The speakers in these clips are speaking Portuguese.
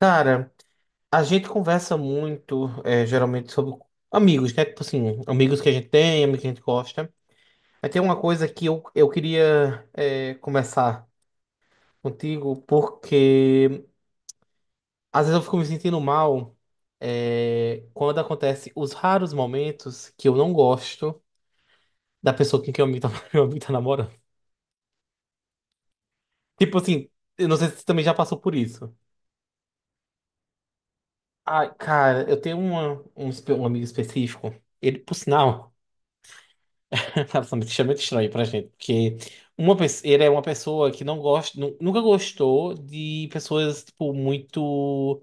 Cara, a gente conversa muito, é, geralmente, sobre amigos, né? Tipo assim, amigos que a gente tem, amigos que a gente gosta. Mas tem uma coisa que eu queria, é, começar contigo, porque às vezes eu fico me sentindo mal, é, quando acontece os raros momentos que eu não gosto da pessoa com quem eu amigo tá, meu amigo tá namorando. Tipo assim, eu não sei se você também já passou por isso. Ai, cara, eu tenho uma, um, um amigo específico, ele, por sinal. Absolutamente extremamente estranho pra gente, porque uma pessoa, ele é uma pessoa que não gosta, nunca gostou de pessoas, tipo, muito.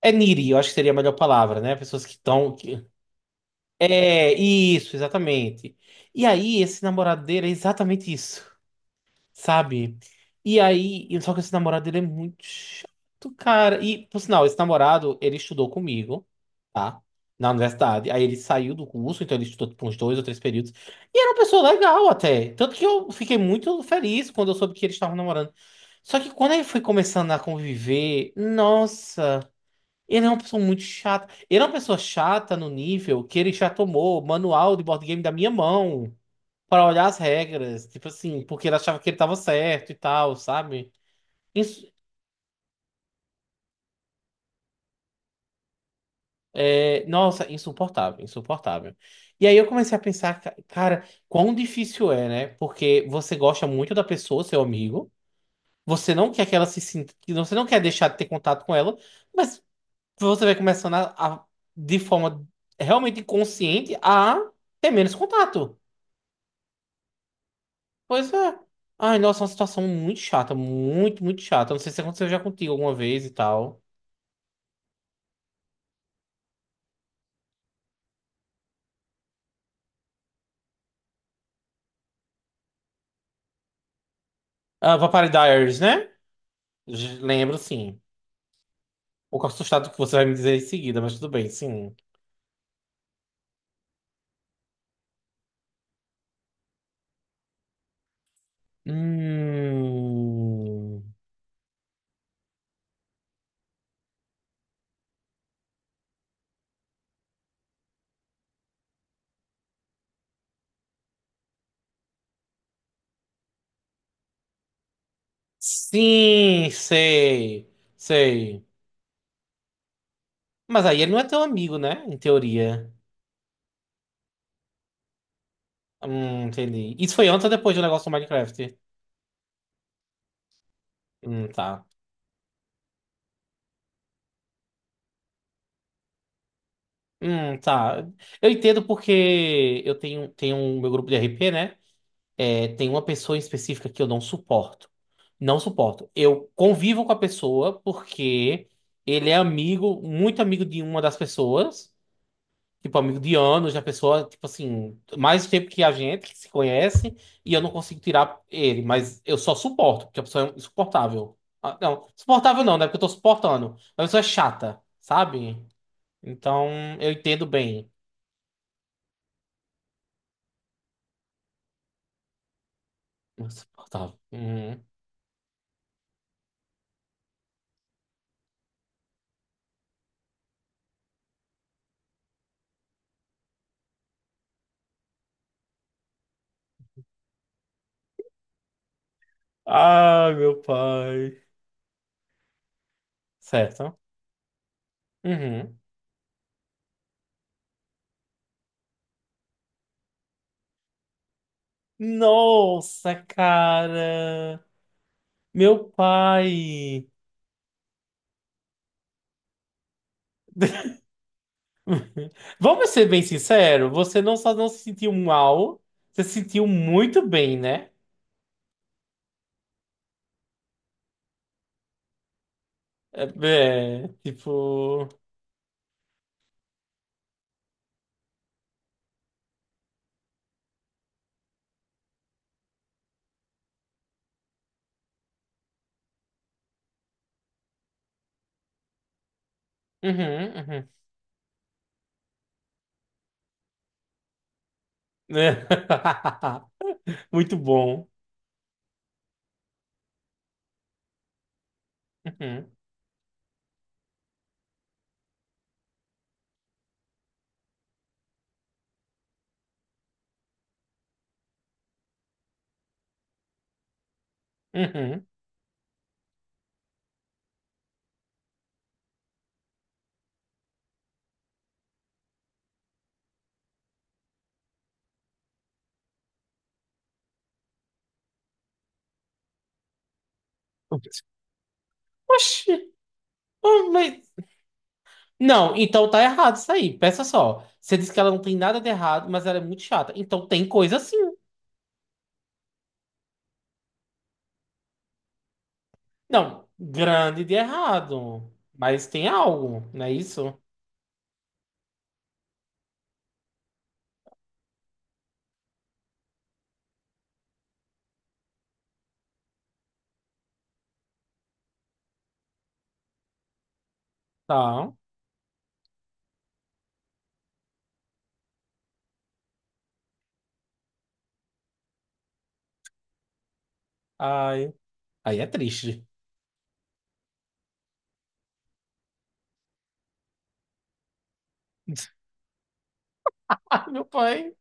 É needy, eu acho que seria a melhor palavra, né? Pessoas que estão. É, isso, exatamente. E aí, esse namorado dele é exatamente isso, sabe? E aí, só que esse namorado ele é muito chato, cara. E, por sinal, esse namorado, ele estudou comigo, tá? Na universidade. Aí ele saiu do curso, então ele estudou tipo, uns dois ou três períodos. E era uma pessoa legal até. Tanto que eu fiquei muito feliz quando eu soube que eles estavam namorando. Só que quando ele foi começando a conviver, nossa, ele é uma pessoa muito chata. Ele é uma pessoa chata no nível que ele já tomou manual de board game da minha mão para olhar as regras, tipo assim, porque ele achava que ele tava certo e tal, sabe? Isso, é, nossa, insuportável, insuportável. E aí eu comecei a pensar, cara, quão difícil é, né? Porque você gosta muito da pessoa, seu amigo, você não quer que ela se sinta, que você não quer deixar de ter contato com ela, mas você vai começando de forma realmente inconsciente a ter menos contato. Pois é. Ai, nossa, é uma situação muito chata, muito, muito chata. Não sei se aconteceu já contigo alguma vez e tal. Ah, Vampire Diaries, né? Lembro, sim. Um pouco assustado com o que você vai me dizer em seguida, mas tudo bem, sim. Hum. Sim, sei. Sei. Mas aí ele não é teu amigo, né? Em teoria. Entendi. Isso foi antes ou depois do negócio do Minecraft? Tá. Tá. Eu entendo porque eu tenho um meu grupo de RP, né? É, tem uma pessoa em específica que eu não suporto. Não suporto. Eu convivo com a pessoa porque ele é amigo, muito amigo de uma das pessoas, tipo, amigo de anos, da pessoa, tipo assim, mais tempo que a gente, que se conhece, e eu não consigo tirar ele, mas eu só suporto, porque a pessoa é insuportável. Ah, não, suportável não, né? Porque eu tô suportando. A pessoa é chata, sabe? Então, eu entendo bem. Insuportável. Uhum. Ah, meu pai. Certo. Uhum. Nossa, cara. Meu pai. Vamos ser bem sinceros, você não só não se sentiu mal, você se sentiu muito bem, né? É, é, tipo. Uhum, uhum. Muito bom. Uhum, uhum. Oxi, oh, mas. Não, então tá errado isso aí. Peça só. Você disse que ela não tem nada de errado, mas ela é muito chata. Então tem coisa assim. Não, grande de errado. Mas tem algo, não é isso? Tá. Ai. Aí é triste. Ai, meu pai.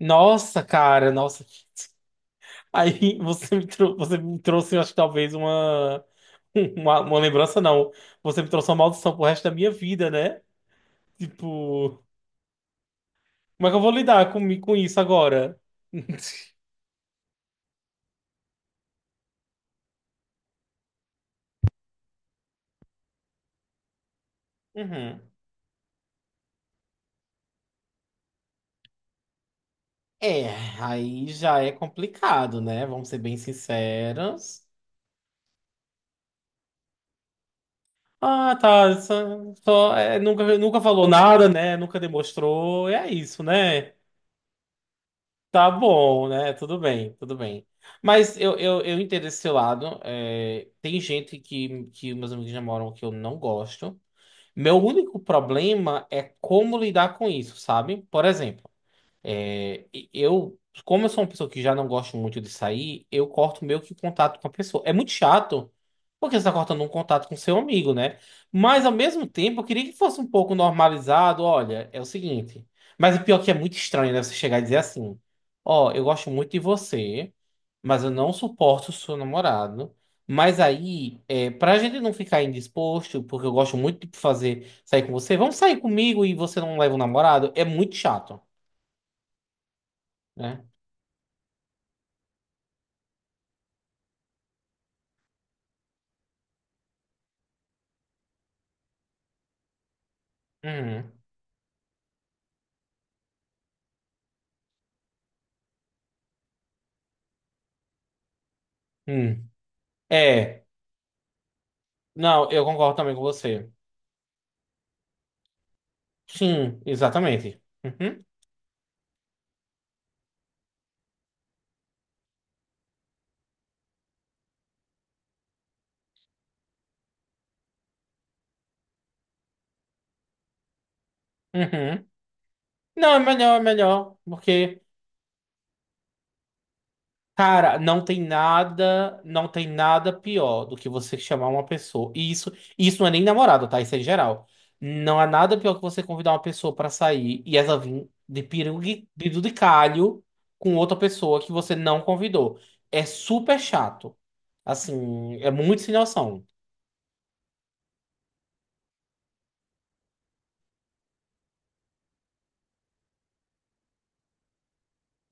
Nossa, cara, nossa. Aí você me, você me trouxe, eu acho que talvez uma. Uma. Uma lembrança, não. Você me trouxe uma maldição pro resto da minha vida, né? Tipo, como é que eu vou lidar com isso agora? Uhum. É, aí já é complicado, né? Vamos ser bem sinceros. Ah, tá. Só, é, nunca, nunca falou nada, né? Nunca demonstrou. É isso, né? Tá bom, né? Tudo bem, tudo bem. Mas eu entendo esse seu lado. É, tem gente que meus amigos namoram que eu não gosto. Meu único problema é como lidar com isso, sabe? Por exemplo. É, eu, como eu sou uma pessoa que já não gosto muito de sair, eu corto meio que o contato com a pessoa. É muito chato, porque você está cortando um contato com seu amigo, né? Mas ao mesmo tempo, eu queria que fosse um pouco normalizado. Olha, é o seguinte. Mas o pior é que é muito estranho, né? Você chegar e dizer assim: Ó, eu gosto muito de você, mas eu não suporto o seu namorado. Mas aí, é, pra gente não ficar indisposto, porque eu gosto muito de fazer sair com você, vamos sair comigo e você não leva o namorado, é muito chato, né? Uhum. Hum. É, não, eu concordo também com você. Sim, exatamente. Uhum. Uhum. Não, é melhor, porque, cara, não tem nada, não tem nada pior do que você chamar uma pessoa. E isso não é nem namorado, tá? Isso é em geral. Não há nada pior que você convidar uma pessoa pra sair e ela vir de de duricalho com outra pessoa que você não convidou. É super chato. Assim, é muito sem noção.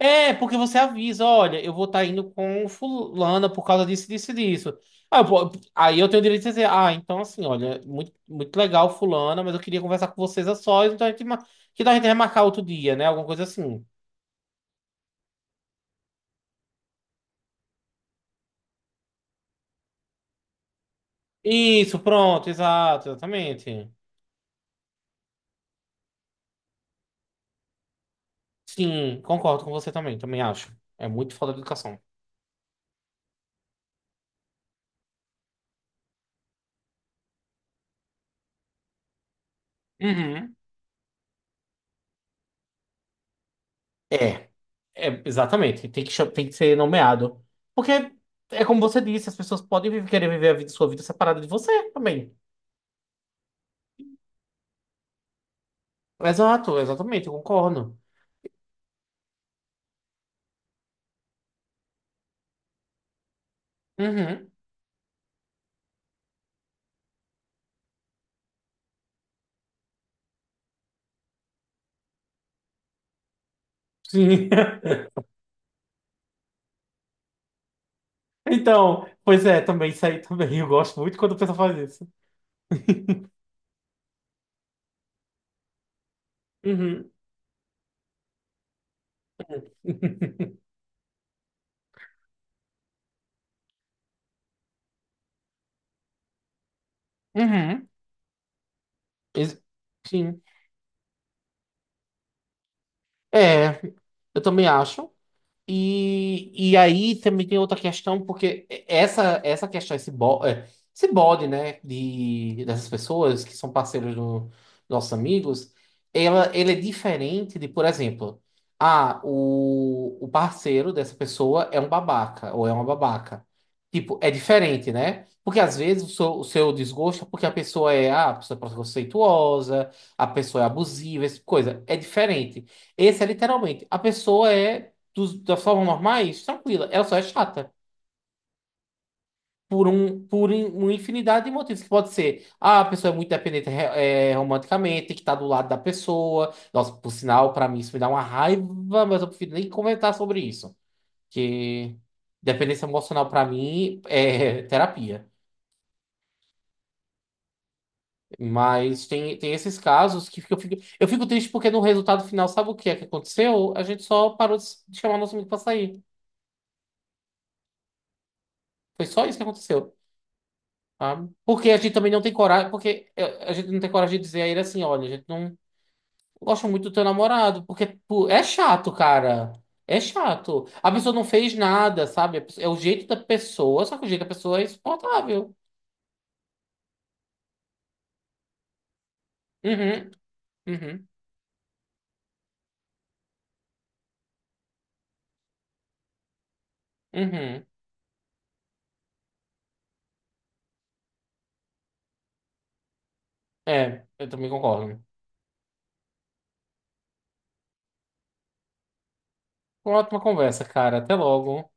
É, porque você avisa, olha, eu vou estar indo com fulana por causa disso, disso, e disso. Ah, aí eu tenho o direito de dizer, ah, então assim, olha, muito, muito legal fulana, mas eu queria conversar com vocês a sós, então a gente, que tal a gente remarcar outro dia, né? Alguma coisa assim. Isso, pronto, exato, exatamente. Sim, concordo com você também, também acho. É muito falta de educação. Uhum. É, é, exatamente, tem que, tem que ser nomeado. Porque é como você disse, as pessoas podem querer viver a vida, sua vida separada de você também. Exato, exatamente, eu concordo. Uhum, sim. Então, pois é, também isso aí também. Eu gosto muito quando o pessoal faz isso. Uhum. Uhum. Uhum. Ex- Sim. É, eu também acho. E aí também tem outra questão, porque essa questão, esse, bo, é, esse bode, né, de, dessas pessoas que são parceiros dos nossos amigos, ela, ele é diferente de, por exemplo, ah, o parceiro dessa pessoa é um babaca, ou é uma babaca. Tipo, é diferente, né? Porque às vezes o seu desgosto é porque a pessoa é, ah, a pessoa é preconceituosa, a pessoa é abusiva, essa coisa. É diferente. Esse é literalmente, a pessoa é das formas normais, tranquila. Ela só é chata. Por, um, uma infinidade de motivos. Que pode ser, ah, a pessoa é muito dependente romanticamente, tem que estar do lado da pessoa. Nossa, por sinal, pra mim isso me dá uma raiva, mas eu prefiro nem comentar sobre isso. Que dependência emocional pra mim é terapia. Mas tem, tem esses casos que eu fico triste porque no resultado final, sabe o que é que aconteceu? A gente só parou de chamar nosso amigo pra sair. Foi só isso que aconteceu. Sabe? Porque a gente também não tem coragem, porque é, a gente não tem coragem de dizer a ele assim, olha, a gente não gosta muito do teu namorado, porque pô, é chato, cara. É chato. A pessoa não fez nada, sabe? A pessoa- É o jeito da pessoa, só que o jeito da pessoa é insuportável. Uhum, uhum, uhum. É, eu também concordo. Uma ótima conversa, cara. Até logo.